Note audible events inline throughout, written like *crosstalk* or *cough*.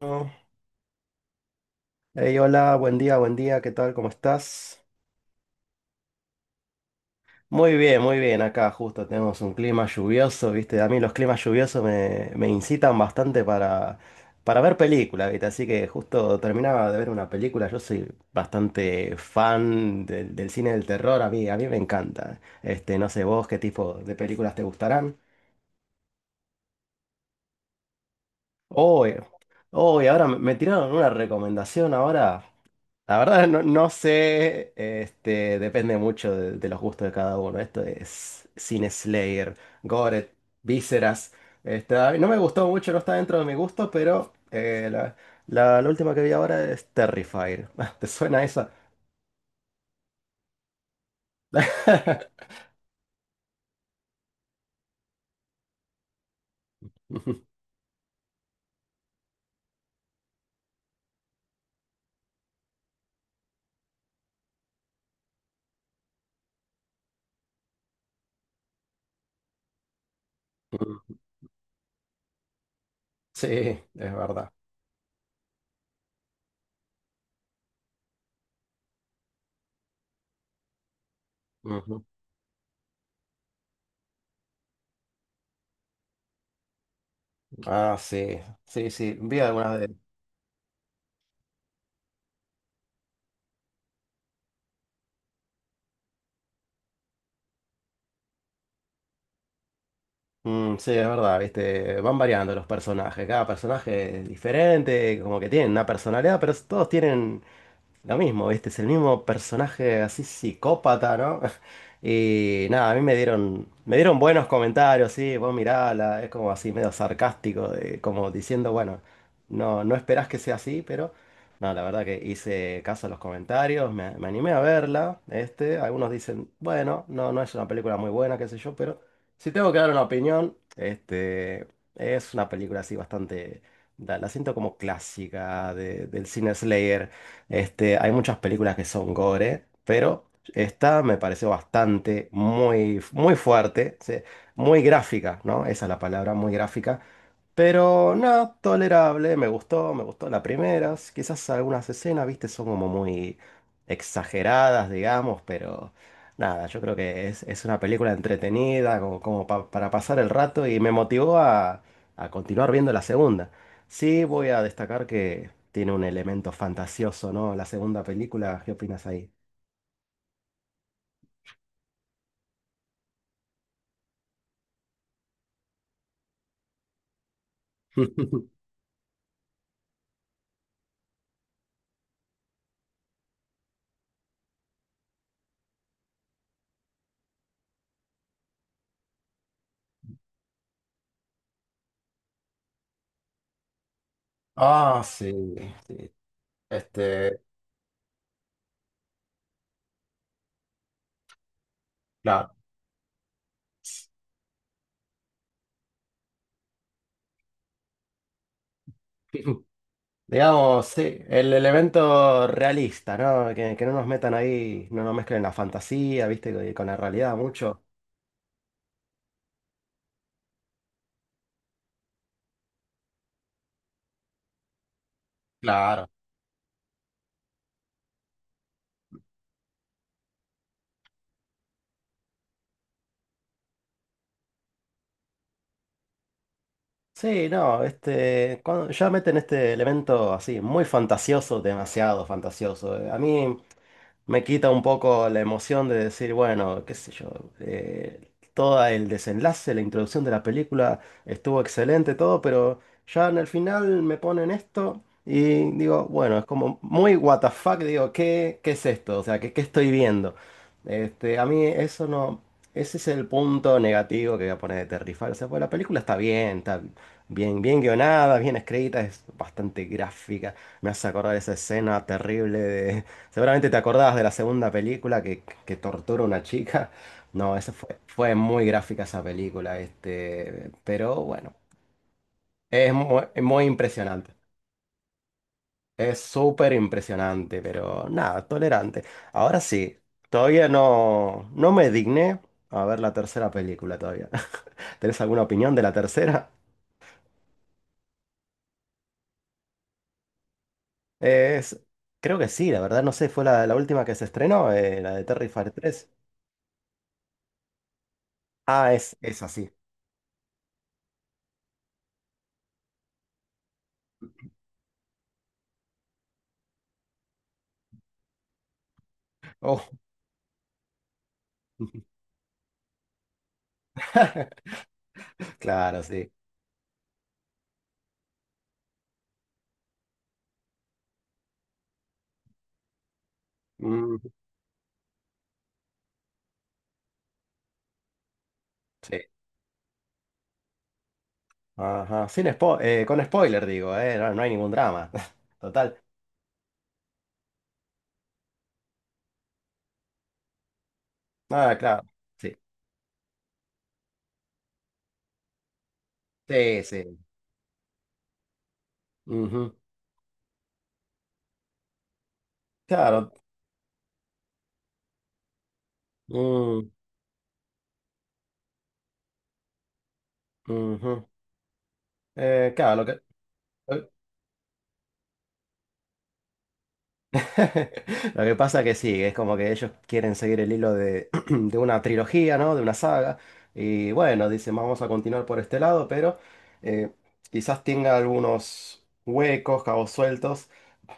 Oh. Hey, hola, buen día, ¿qué tal? ¿Cómo estás? Muy bien, acá justo tenemos un clima lluvioso, ¿viste? A mí los climas lluviosos me incitan bastante para ver películas, ¿viste? Así que justo terminaba de ver una película. Yo soy bastante fan del cine del terror. A mí me encanta. Este, no sé vos qué tipo de películas te gustarán. Hoy hoy ahora me tiraron una recomendación ahora. La verdad no, no sé, este, depende mucho de los gustos de cada uno. Esto es Cine Slayer, Goret, Vísceras. Este, a mí no me gustó mucho, no está dentro de mi gusto, pero la última que vi ahora es Terrifier. *laughs* ¿Te suena esa? *laughs* Sí, es verdad. Ujú. Ah, sí, sí, sí, vi algunas de... Mm, sí, es verdad, viste, van variando los personajes, cada personaje es diferente, como que tienen una personalidad, pero todos tienen lo mismo, ¿viste? Es el mismo personaje así psicópata, ¿no? *laughs* Y nada, a mí me dieron buenos comentarios, sí, vos mirala, es como así medio sarcástico, como diciendo, bueno, no, no esperás que sea así, pero no, la verdad que hice caso a los comentarios, me animé a verla, este, algunos dicen, bueno, no, no es una película muy buena, qué sé yo, pero si tengo que dar una opinión, este, es una película así bastante, la siento como clásica del cine Slayer. Este, hay muchas películas que son gore, pero esta me pareció bastante, muy, muy fuerte, sí, muy gráfica, ¿no? Esa es la palabra, muy gráfica. Pero no, tolerable, me gustó las primeras. Quizás algunas escenas, viste, son como muy exageradas, digamos, pero nada, yo creo que es una película entretenida, como para pasar el rato y me motivó a continuar viendo la segunda. Sí, voy a destacar que tiene un elemento fantasioso, ¿no? La segunda película, ¿qué opinas ahí? *laughs* Ah, sí, sí. Este, claro. *laughs* Digamos, sí, el elemento realista, ¿no? Que no nos metan ahí, no nos mezclen la fantasía, ¿viste? Con la realidad mucho. Claro. Sí, no, este, cuando ya meten este elemento así, muy fantasioso, demasiado fantasioso. A mí me quita un poco la emoción de decir, bueno, qué sé yo, todo el desenlace, la introducción de la película estuvo excelente, todo, pero ya en el final me ponen esto y digo, bueno, es como muy what the fuck, digo, ¿qué es esto? O sea, ¿qué estoy viendo? Este, a mí eso no, ese es el punto negativo que voy a poner de Terrifier. O sea, pues la película está bien, bien guionada, bien escrita, es bastante gráfica. Me hace acordar esa escena terrible de. Seguramente te acordabas de la segunda película que tortura a una chica. No, esa fue muy gráfica esa película, este, pero bueno, es muy, muy impresionante. Es súper impresionante, pero nada, tolerante. Ahora sí, todavía no, no me digné a ver la tercera película todavía. *laughs* ¿Tenés alguna opinión de la tercera? Es, Creo que sí, la verdad, no sé, fue la última que se estrenó, la de Terrifier 3. Ah, es así. Oh. *laughs* Claro, sí. Mm, sí. Ajá. Sin spo- con spoiler digo, no, no hay ningún drama. *laughs* Total. Ah, claro. Sí. Sí, sí. Ujú. Claro. Mm, ujú. Claro, lo que, lo *laughs* lo que pasa que sí, es como que ellos quieren seguir el hilo *clears throat* de una trilogía, ¿no? De una saga. Y bueno, dicen, vamos a continuar por este lado, pero eh, quizás tenga algunos huecos, cabos sueltos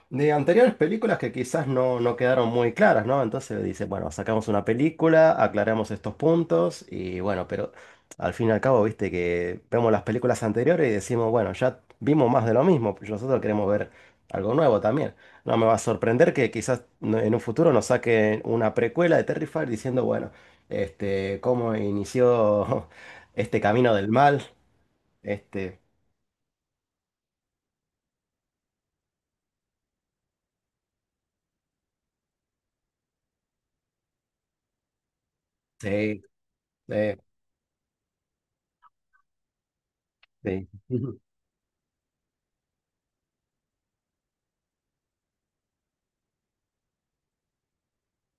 de anteriores películas que quizás no, no quedaron muy claras, ¿no? Entonces dice, bueno, sacamos una película, aclaramos estos puntos y bueno, pero al fin y al cabo, viste que vemos las películas anteriores y decimos, bueno, ya vimos más de lo mismo, pues nosotros queremos ver algo nuevo también. No me va a sorprender que quizás en un futuro nos saquen una precuela de Terrifier diciendo, bueno, este, cómo inició *laughs* este camino del mal, este, sí, sí, sí. *laughs*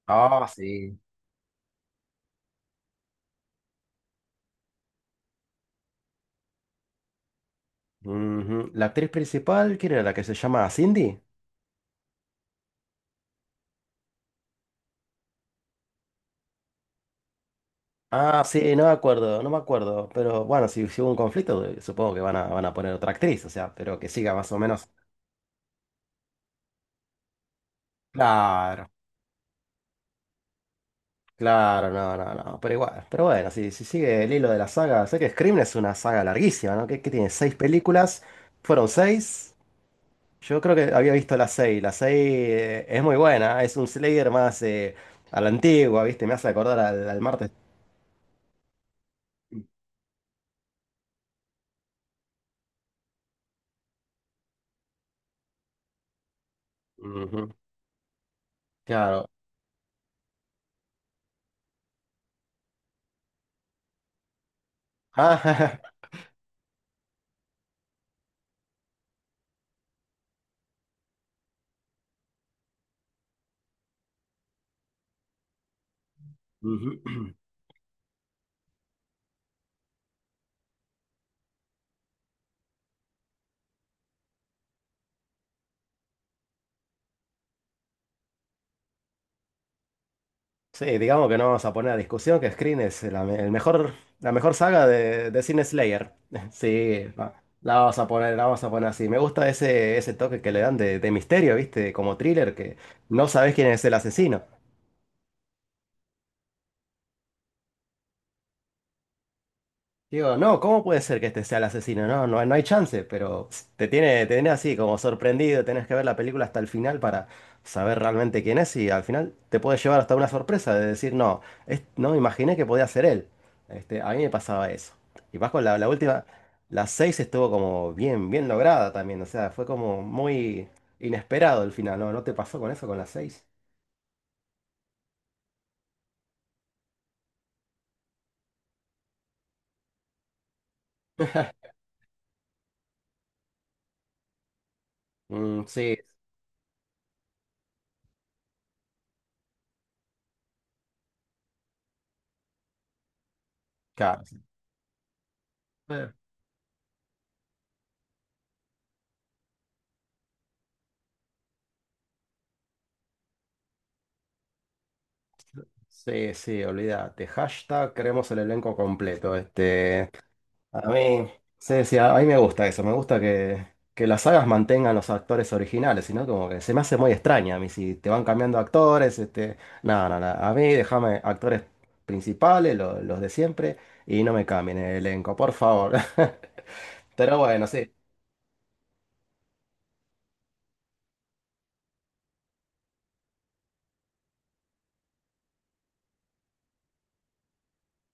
Ah, sí. Ujú. La actriz principal, ¿quién era la que se llama Cindy? Ah, sí, no me acuerdo, no me acuerdo. Pero bueno, si hubo un conflicto, supongo que van a poner otra actriz, o sea, pero que siga más o menos. Claro, claro, no, no, no, pero igual. Pero bueno, si sigue el hilo de la saga, sé que Scream es una saga larguísima, ¿no? Que tiene seis películas, fueron seis. Yo creo que había visto las seis. La seis es muy buena, es un Slayer más a la antigua, ¿viste? Me hace acordar al martes. Ujú. Claro. Ah, *laughs* ujú. *clears throat* Sí, digamos que no vamos a poner a discusión que Scream es el mejor, la mejor saga de Sin Slayer. *laughs* Sí, la vamos a poner así. Me gusta ese toque que le dan de misterio, ¿viste? Como thriller, que no sabes quién es el asesino. Digo, no, ¿cómo puede ser que este sea el asesino? No, no, no hay chance, pero pss, te tiene así como sorprendido, tenés que ver la película hasta el final para saber realmente quién es y al final te puede llevar hasta una sorpresa de decir, no, no me imaginé que podía ser él. Este, a mí me pasaba eso. Y Vasco, la última, la 6 estuvo como bien, bien lograda también, o sea, fue como muy inesperado el final, ¿no? ¿No te pasó con eso, con la seis? *laughs* Mm, sí, claro. Sí, sí, olvídate. #QueremosElElencoCompleto. Este, a mí, sí, sí, a mí me gusta eso. Me gusta que las sagas mantengan los actores originales, sino como que se me hace muy extraña a mí si te van cambiando actores. Este, no, no, no. A mí déjame actores principales, los de siempre, y no me cambien el elenco, por favor. *laughs* Pero bueno, sí.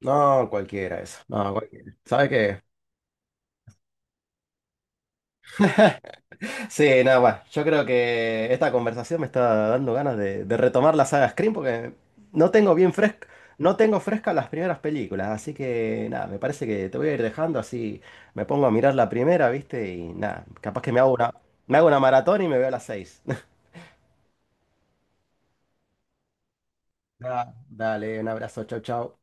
No, cualquiera eso. No, cualquiera. ¿Sabes qué? Sí, nada, bueno, yo creo que esta conversación me está dando ganas de retomar la saga Scream porque no tengo bien fresca, no tengo fresca las primeras películas, así que nada, me parece que te voy a ir dejando así, me pongo a mirar la primera, ¿viste? Y nada, capaz que me hago una maratón y me veo a las seis. *laughs* Nada, dale, un abrazo, chau, chau.